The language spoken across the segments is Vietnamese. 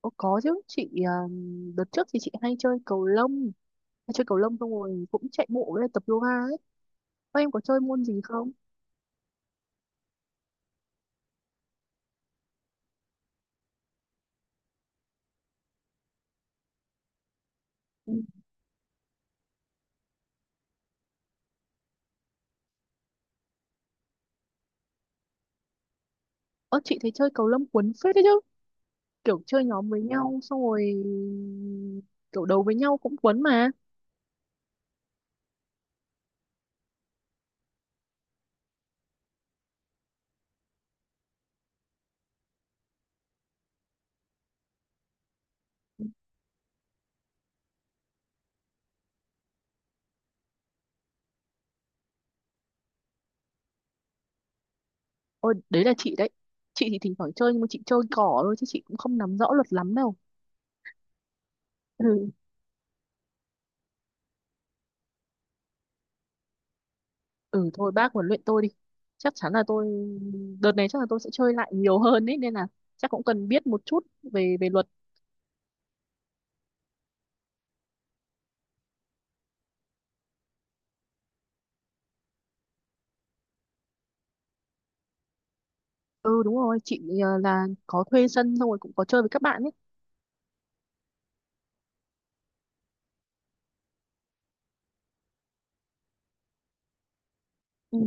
Ồ, có chứ chị, đợt trước thì chị hay chơi cầu lông, xong rồi cũng chạy bộ với lại tập yoga ấy. Ô, em có chơi môn gì không? Ừ. Ơ, chị thấy chơi cầu lông cuốn phết đấy chứ, kiểu chơi nhóm với nhau xong rồi kiểu đấu với nhau cũng cuốn mà. Ôi đấy là chị đấy, chị thì thỉnh thoảng chơi nhưng mà chị chơi cỏ thôi chứ chị cũng không nắm rõ luật lắm đâu. Ừ. Ừ, thôi bác huấn luyện tôi đi, chắc chắn là tôi đợt này chắc là tôi sẽ chơi lại nhiều hơn ấy nên là chắc cũng cần biết một chút về về luật. Ừ, đúng rồi chị, ờ, là có thuê sân xong rồi cũng có chơi với các bạn ấy. Ừ,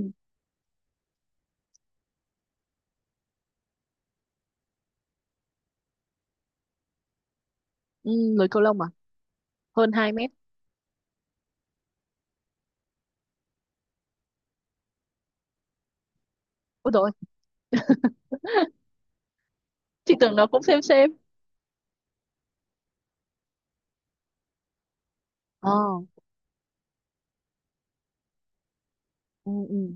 ừ. Lưới cầu lông à? Hơn 2 mét. Ôi rồi. Chị tưởng nó cũng xem xem. Ờ. Ừ, ừ.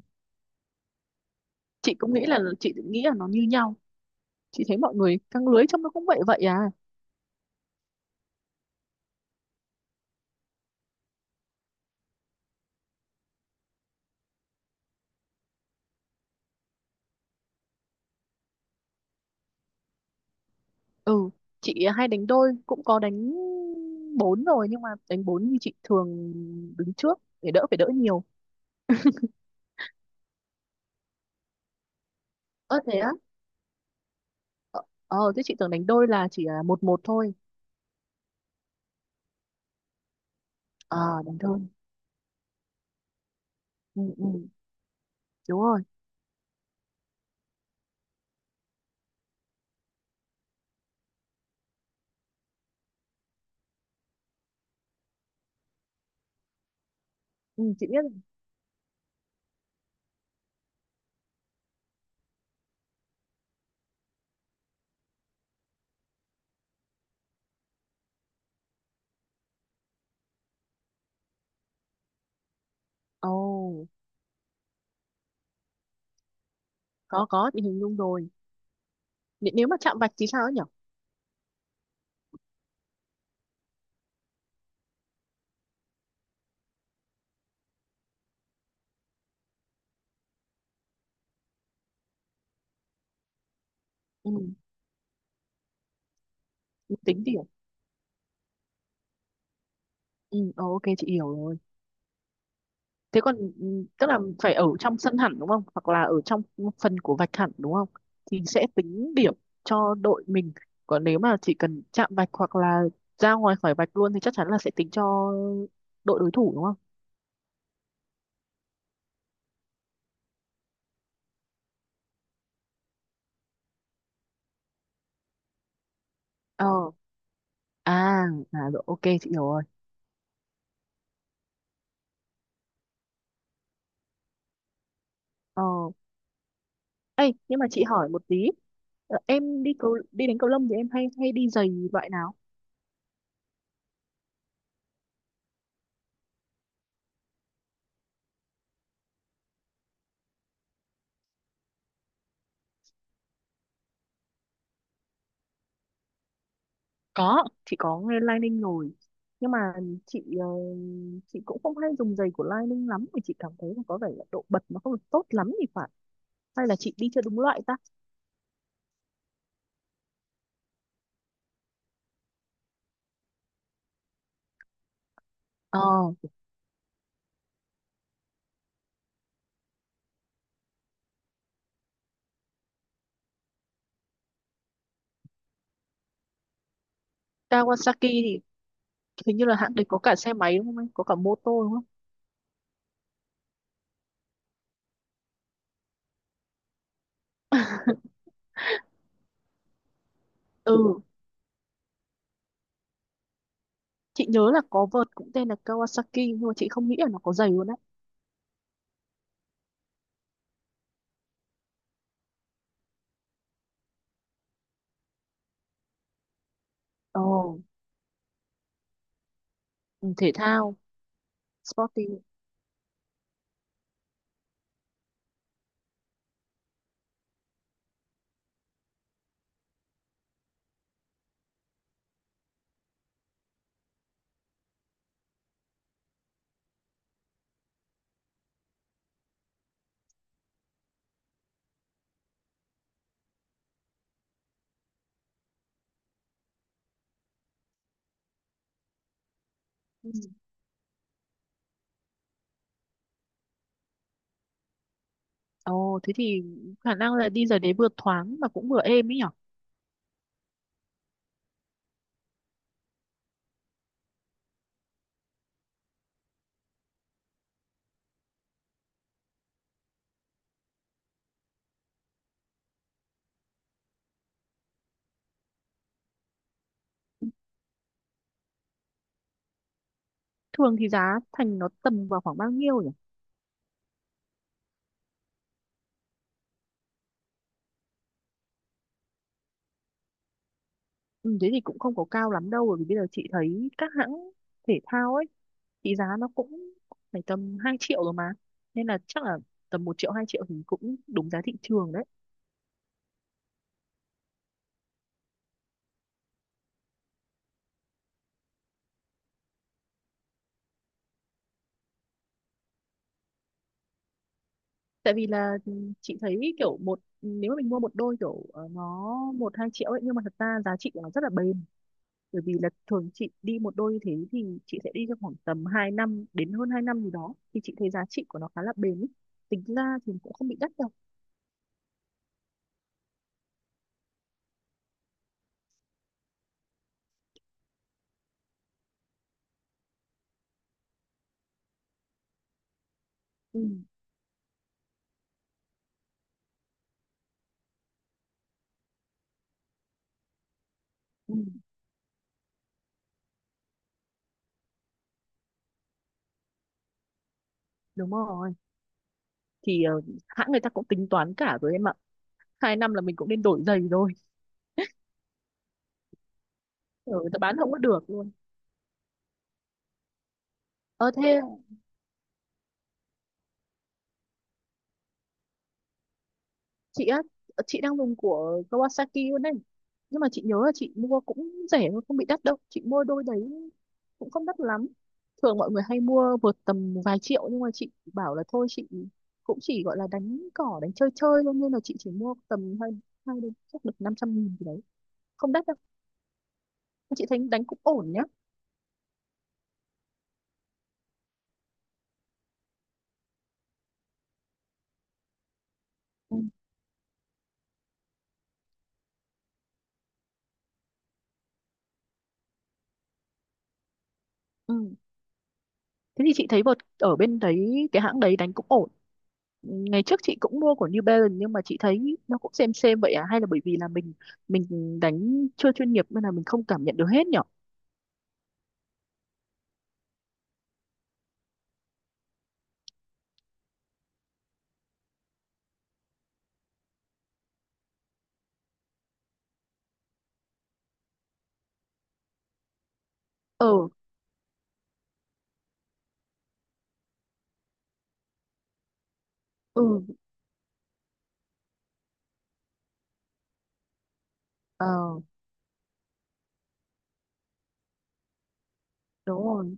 Chị cũng nghĩ là nó như nhau, chị thấy mọi người căng lưới trông nó cũng vậy vậy à. Ừ, chị hay đánh đôi, cũng có đánh bốn rồi nhưng mà đánh bốn thì chị thường đứng trước để đỡ, phải đỡ nhiều. Ơ thế á? Ờ, ờ, thế chị tưởng đánh đôi là chỉ là một một thôi. Ờ. Đánh đôi. Ừ, ừ. Đúng rồi. Ừ, chị biết. Ồ, có chị hình dung rồi. N, nếu mà chạm vạch thì sao ấy nhỉ? Ừ, tính điểm. Ừ, ờ, ok chị hiểu rồi. Thế còn ừ, tức là phải ở trong sân hẳn đúng không, hoặc là ở trong phần của vạch hẳn đúng không thì sẽ tính điểm cho đội mình. Còn nếu mà chỉ cần chạm vạch hoặc là ra ngoài khỏi vạch luôn thì chắc chắn là sẽ tính cho đội đối thủ đúng không? Ờ. À, à rồi, ok chị hiểu rồi. Ờ ấy nhưng mà chị hỏi một tí. Ờ, em đi cầu, đi đánh cầu lông thì em hay hay đi giày loại nào? Có, chị có nghe Lining rồi. Nhưng mà chị ờ, cũng không hay dùng giày của Lining lắm vì chị cảm thấy là có vẻ là độ bật nó không được tốt lắm thì phải. Hay là chị đi chưa đúng loại ta? Ờ, Kawasaki thì hình như là hãng đấy có cả xe máy đúng không anh? Có cả mô tô đúng không? Ừ, chị nhớ là có vợt cũng tên là Kawasaki nhưng mà chị không nghĩ là nó có giày luôn đấy. Ồ, ừ, thể thao, sporty. Ừ. Ồ, thế thì khả năng là đi giày đấy vừa thoáng mà cũng vừa êm ấy nhở? Thường thì giá thành nó tầm vào khoảng bao nhiêu nhỉ? Ừ, thế thì cũng không có cao lắm đâu bởi vì bây giờ chị thấy các hãng thể thao ấy thì giá nó cũng phải tầm 2 triệu rồi mà, nên là chắc là tầm 1 triệu 2 triệu thì cũng đúng giá thị trường đấy. Tại vì là ừ, chị thấy kiểu, một nếu mà mình mua một đôi kiểu ờ, nó 1-2 triệu ấy, nhưng mà thật ra giá trị của nó rất là bền, bởi vì là thường chị đi một đôi như thế thì chị sẽ đi trong khoảng tầm 2 năm đến hơn 2 năm gì đó, thì chị thấy giá trị của nó khá là bền ý. Tính ra thì cũng không bị đắt đâu. Ừ, ừ, đúng rồi. Thì ờ, hãng người ta cũng tính toán cả rồi em ạ, 2 năm là mình cũng nên đổi giày rồi. Ừ, người ta bán không có được luôn. Ờ thế chị á, chị đang dùng của Kawasaki luôn đấy nhưng mà chị nhớ là chị mua cũng rẻ thôi, không bị đắt đâu. Chị mua đôi đấy cũng không đắt lắm. Thường mọi người hay mua vượt tầm vài triệu nhưng mà chị bảo là thôi, chị cũng chỉ gọi là đánh cỏ, đánh chơi chơi thôi nên là chị chỉ mua tầm hai, hai đến chắc được 500.000 gì đấy, không đắt đâu. Chị thấy đánh cũng ổn nhá. Ừ. Ừ. Thế thì chị thấy vợt ở bên đấy, cái hãng đấy đánh cũng ổn. Ngày trước chị cũng mua của New Balance nhưng mà chị thấy nó cũng xem vậy à, hay là bởi vì là mình đánh chưa chuyên nghiệp nên là mình không cảm nhận được hết nhở? Ờ, ừ, ờ, đúng rồi.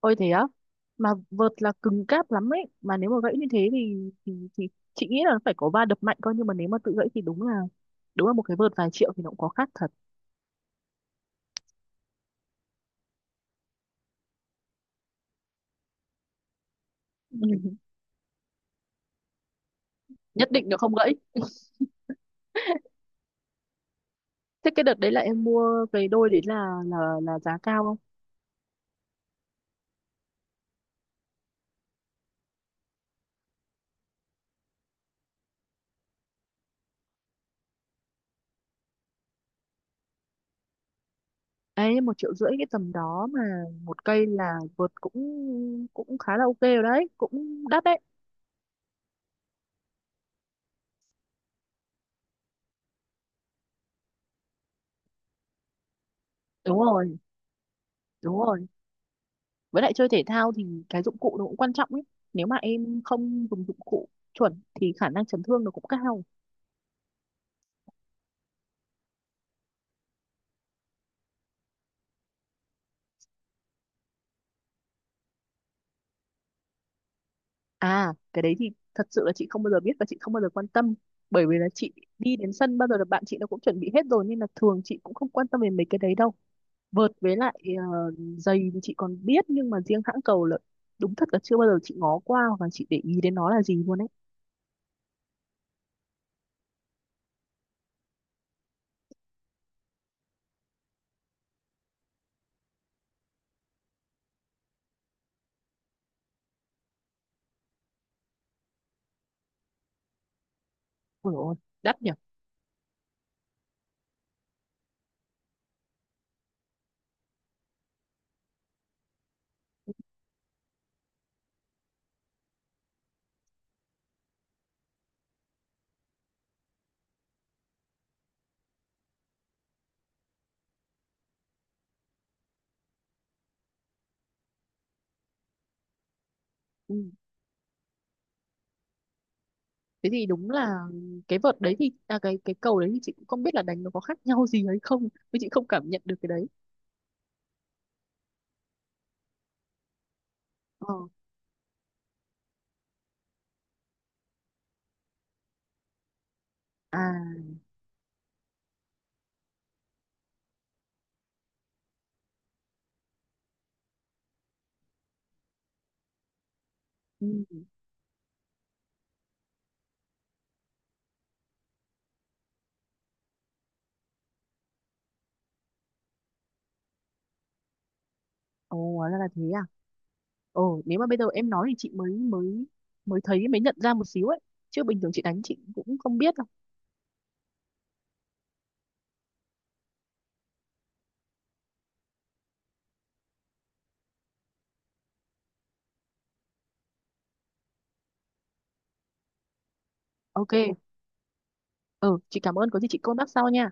Ôi thế á. Mà vợt là cứng cáp lắm ấy, mà nếu mà gãy như thế thì, chị nghĩ là phải có va đập mạnh coi, nhưng mà nếu mà tự gãy thì đúng là một cái vợt vài triệu thì nó cũng có khác thật. Ừ. Nhất định nó không gãy. Thế cái đợt đấy là em mua cái đôi đấy là giá cao không? Ấy 1,5 triệu cái tầm đó mà một cây là vượt cũng cũng khá là ok rồi đấy, cũng đắt đấy. Đúng rồi, đúng rồi, với lại chơi thể thao thì cái dụng cụ nó cũng quan trọng ấy, nếu mà em không dùng dụng cụ chuẩn thì khả năng chấn thương nó cũng cao. À, cái đấy thì thật sự là chị không bao giờ biết và chị không bao giờ quan tâm, bởi vì là chị đi đến sân bao giờ là bạn chị nó cũng chuẩn bị hết rồi nên là thường chị cũng không quan tâm đến mấy cái đấy đâu. Vợt với lại ờ, giày thì chị còn biết nhưng mà riêng hãng cầu là đúng thật là chưa bao giờ chị ngó qua và chị để ý đến nó là gì luôn ấy. Ôi ôi, đắt nhỉ. Ừ. Thế thì đúng là cái vợt đấy thì, à, cái cầu đấy thì chị cũng không biết là đánh nó có khác nhau gì hay không, nhưng chị không cảm nhận được cái đấy. Ờ. À. Ừ. Ồ, hóa ra là thế à? Ồ, nếu mà bây giờ em nói thì chị mới mới mới thấy, mới nhận ra một xíu ấy, chứ bình thường chị đánh chị cũng không biết đâu. Ok. Ừ, chị cảm ơn, có gì chị contact sau nha.